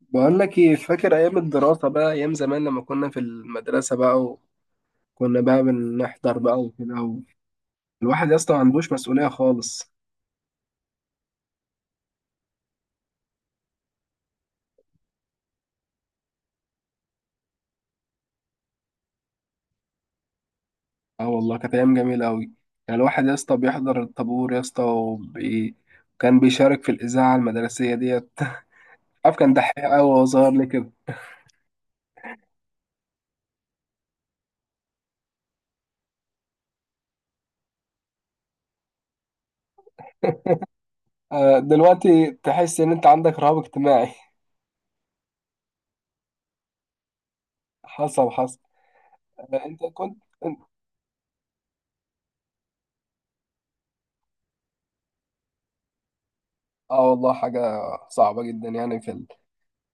بقول لك ايه؟ فاكر ايام الدراسة بقى، ايام زمان لما كنا في المدرسة بقى، وكنا بقى بنحضر بقى وكده، الواحد يا اسطى ما عندوش مسؤولية خالص. اه والله، كانت ايام جميلة قوي. يعني الواحد يا اسطى بيحضر الطابور يا اسطى، كان بيشارك في الإذاعة المدرسية ديت. عارف، كان دحيح قوي وهو صغير ليه كده؟ دلوقتي تحس ان انت عندك رهاب اجتماعي. حصل، حصل. انت كنت أنت- اه والله، حاجة صعبة جدا، يعني في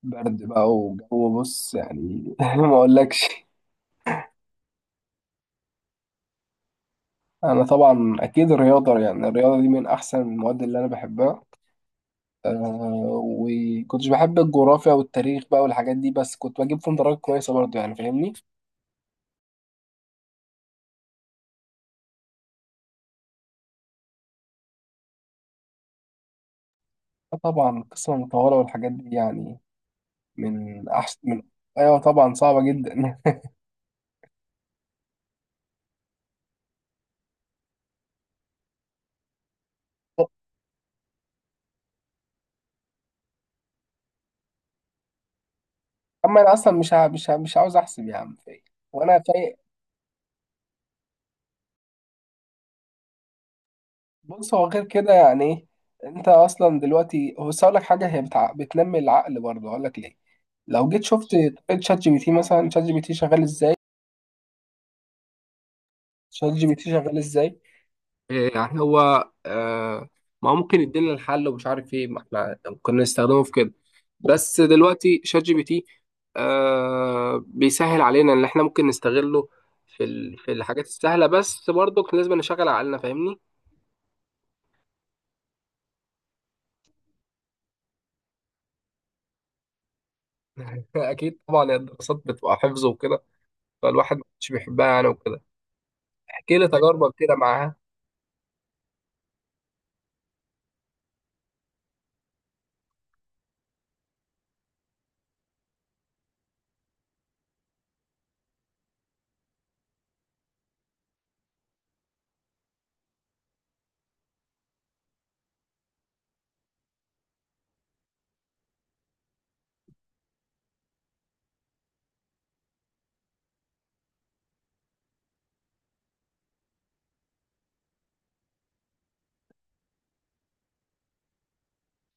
برد بقى وجو، بص يعني ما اقولكش. انا طبعا اكيد الرياضه، يعني الرياضه دي من احسن المواد اللي انا بحبها. وكنتش بحب الجغرافيا والتاريخ بقى والحاجات دي، بس كنت بجيب فيهم درجات كويسه برضه، يعني فاهمني؟ طبعا القصه المطوله والحاجات دي يعني، من احسن من ايوه طبعا، صعبه جدا. اما انا اصلا مش عاوز احسب يا عم فايق. وانا فايق. بص هو غير كده يعني إيه؟ انت اصلا دلوقتي بس اقول لك حاجه، هي بتنمي العقل برضه، اقول لك ليه. لو جيت شفت طريقة شات جي بي تي، مثلا شات جي بي تي شغال ازاي، شات جي بي تي شغال ازاي؟ إيه يعني هو ما هو ممكن يدينا الحل ومش عارف ايه، ما احنا كنا نستخدمه في كده. بس دلوقتي شات جي بي تي بيسهل علينا ان احنا ممكن نستغله في الحاجات السهلة، بس برضه لازم نشغل عقلنا، فاهمني؟ اكيد طبعا، الدراسات بتبقى حفظ وكده، فالواحد مش بيحبها يعني وكده. احكي لي تجاربك كده معاها.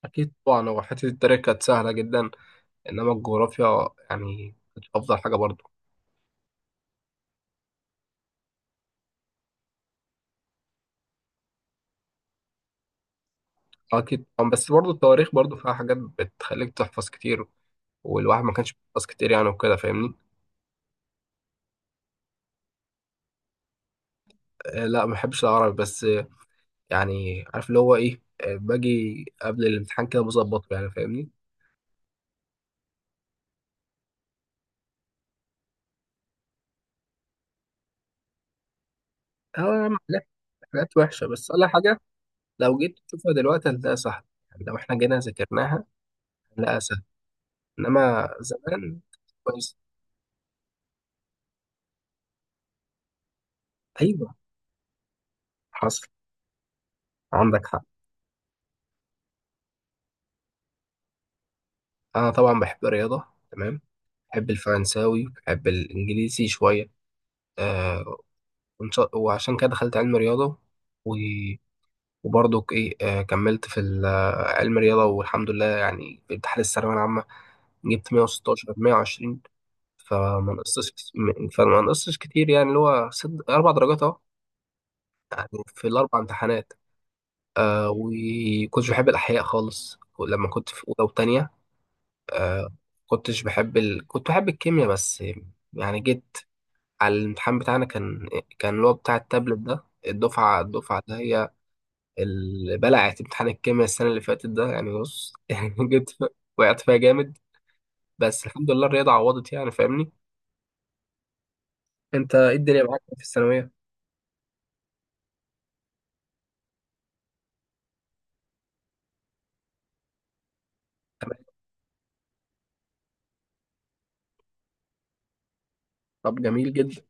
اكيد طبعا، هو حته التريك كانت سهله جدا، انما الجغرافيا يعني مش افضل حاجه برضو. اكيد طبعاً، بس برضو التواريخ برضو فيها حاجات بتخليك تحفظ كتير، والواحد ما كانش بيحفظ كتير يعني وكده، فاهمني؟ لا ما بحبش العربي، بس يعني عارف اللي هو ايه، باجي قبل الامتحان كده بظبطه، يعني فاهمني؟ اه يا عم، حاجات، حاجات وحشه بس ولا حاجه. لو جيت تشوفها دلوقتي هتلاقيها سهله. يعني لو احنا جينا ذاكرناها هنلاقيها سهله، انما زمان. كويس. ايوه، حصل، عندك حق. انا طبعا بحب الرياضه، تمام، بحب الفرنساوي، بحب الإنجليزي شوية. آه وعشان كده دخلت علم رياضة و... وبرضه إيه، كملت في ال- آه، علم رياضة، والحمد لله، يعني في امتحان الثانوية العامة جبت 116 120. فما نقصتش فما نقصتش كتير، يعني اللي هو ست أربع درجات أهو، يعني في الأربع امتحانات. وكنتش بحب الأحياء خالص لما كنت في أولى وتانية. آه كنتش بحب كنت بحب الكيمياء بس. يعني جيت على الامتحان بتاعنا، كان اللي هو بتاع التابلت ده، الدفعة ده هي اللي بلعت امتحان الكيمياء السنة اللي فاتت ده، يعني بص يعني وقعت فيها جامد. بس الحمد لله، الرياضة عوضت يعني، فاهمني؟ انت ايه الدنيا معاك في الثانوية؟ تمام، طب جميل جدا.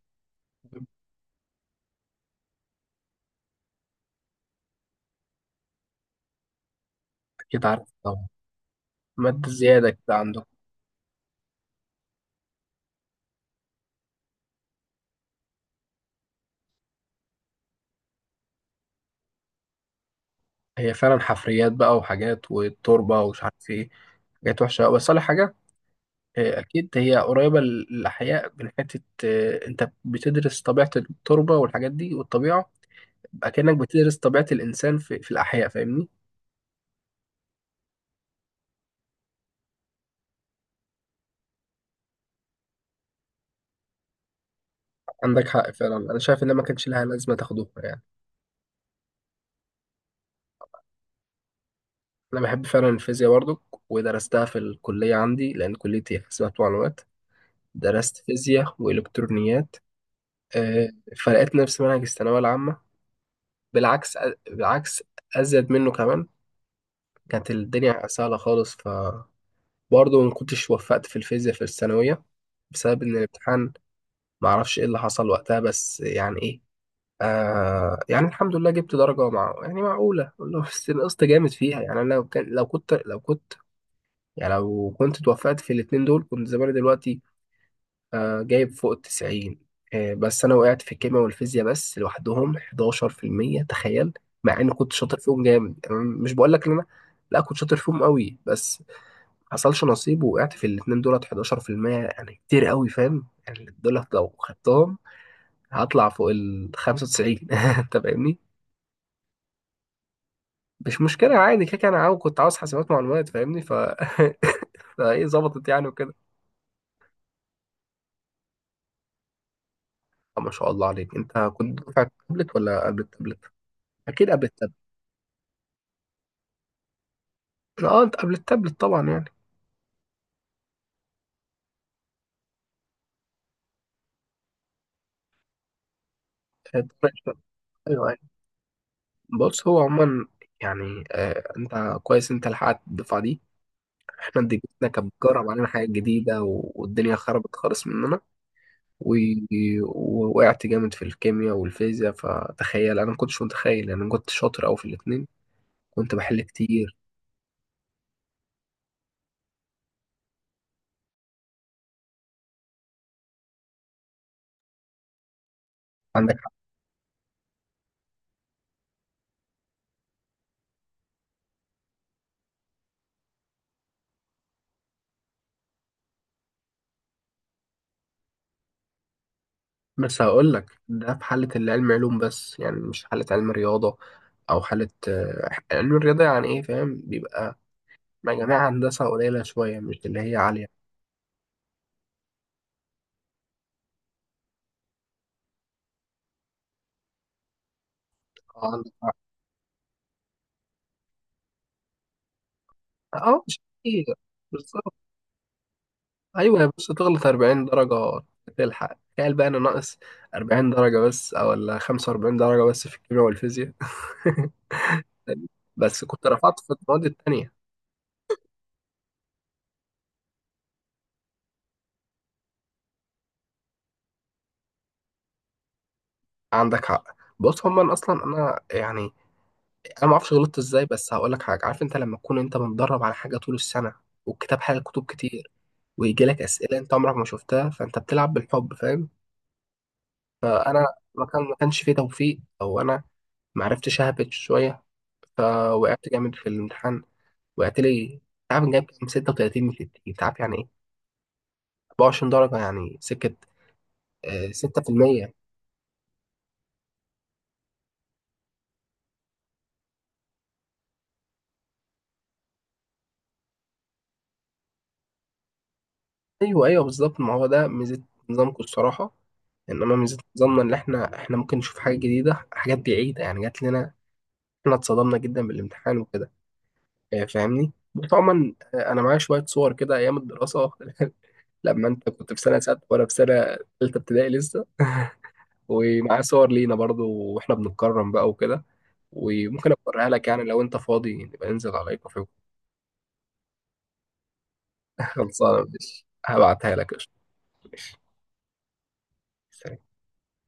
اكيد عارف طبعا، مادة زيادة كده عندكم. هي فعلا حفريات بقى وحاجات والتربة ومش عارف ايه، حاجات وحشة أوي. بس أقول لك حاجة، أكيد هي قريبة للأحياء من حتة، أنت بتدرس طبيعة التربة والحاجات دي والطبيعة. اكنك بتدرس طبيعة الإنسان في الأحياء، فاهمني؟ عندك حق فعلا، أنا شايف إن ما كانش لها لازمة تاخدوها يعني. أنا بحب فعلا الفيزياء برضو، ودرستها في الكلية عندي، لأن كليتي حسابات ومعلومات، درست فيزياء وإلكترونيات. آه، فلقيت نفس منهج الثانوية العامة، بالعكس، بالعكس أزيد منه كمان. كانت الدنيا سهلة خالص، فبرضه ما كنتش وفقت في الفيزياء في الثانوية، بسبب إن الامتحان معرفش إيه اللي حصل وقتها، بس يعني إيه، يعني الحمد لله جبت درجة مع، يعني معقولة والله، بس نقصت جامد فيها يعني، أنا لو كان لو كنت لو كنت يعني لو كنت توفقت في الاتنين دول كنت زماني دلوقتي. جايب فوق ال 90. بس أنا وقعت في الكيمياء والفيزياء بس لوحدهم 11%، تخيل. مع إني كنت شاطر فيهم جامد، يعني مش بقول لك إن أنا، لا كنت شاطر فيهم قوي، بس ما حصلش نصيب، ووقعت في الاتنين دولت 11%، يعني كتير قوي فاهم، يعني دولت لو خدتهم هطلع فوق ال 95. أنت فاهمني؟ مش مشكلة، عادي كده كده، أنا كنت عاوز حاسبات معلومات، فاهمني ف فإيه ظبطت يعني وكده. ما شاء الله عليك، أنت كنت دفعة تابلت ولا قبل التابلت؟ أكيد قبل التابلت. أه، أنت قبل التابلت طبعا يعني. آه، طبعاً. أيوه أيوه، بص هو عموما، يعني أنت كويس، أنت لحقت الدفعة دي. إحنا دنيتنا كانت بتجرب علينا حاجات جديدة والدنيا خربت خالص مننا و- ووقعت جامد في الكيمياء والفيزياء. فتخيل، أنا ما كنتش متخيل يعني، أنا كنت شاطر أوي في الاتنين، كنت بحل كتير. عندك. بس هقول لك ده في حالة اللي علم علوم بس، يعني مش حالة علم رياضة، أو حالة علم الرياضة، يعني إيه فاهم؟ بيبقى مجاميع هندسة قليلة شوية، مش اللي هي عالية. اه، عندك حق. مش كتير، بالظبط، أيوة بس تغلط 40 درجة تلحق. تخيل بقى أنا ناقص 40 درجة بس، أو ولا 45 درجة بس في الكيمياء والفيزياء. بس كنت رفعت في المواد التانية. عندك حق. بص هما، أنا أصلا أنا يعني، انا ما اعرفش غلطت ازاي، بس هقول لك حاجه، عارف انت لما تكون انت متدرب على حاجه طول السنه، والكتاب حاجه كتب كتير، ويجي لك اسئله انت عمرك ما شفتها، فانت بتلعب بالحب، فاهم؟ فانا ما كانش فيه توفيق، او انا ما عرفتش اهبط شويه، فوقعت جامد في الامتحان. وقعت لي، تعرف جايب كام؟ 36 من 60، تعرف يعني ايه؟ 24 درجه يعني سكه. 6%. ايوه ايوه بالظبط، ما هو ده ميزه نظامكم الصراحه، انما ميزه نظامنا ان احنا ممكن نشوف حاجه جديده، حاجات بعيده يعني جات لنا. احنا اتصدمنا جدا بالامتحان وكده. فاهمني، وطبعا انا معايا شويه صور كده ايام الدراسه. لما انت كنت في سنه سادسه، وانا في سنه ثالثه ابتدائي لسه. ومعايا صور لينا برضو واحنا بنتكرم بقى وكده، وممكن اوريها لك يعني، لو انت فاضي نبقى ننزل على الكافيه. خلصانه، مش هبعتها لك قشطة. ماشي. سلام.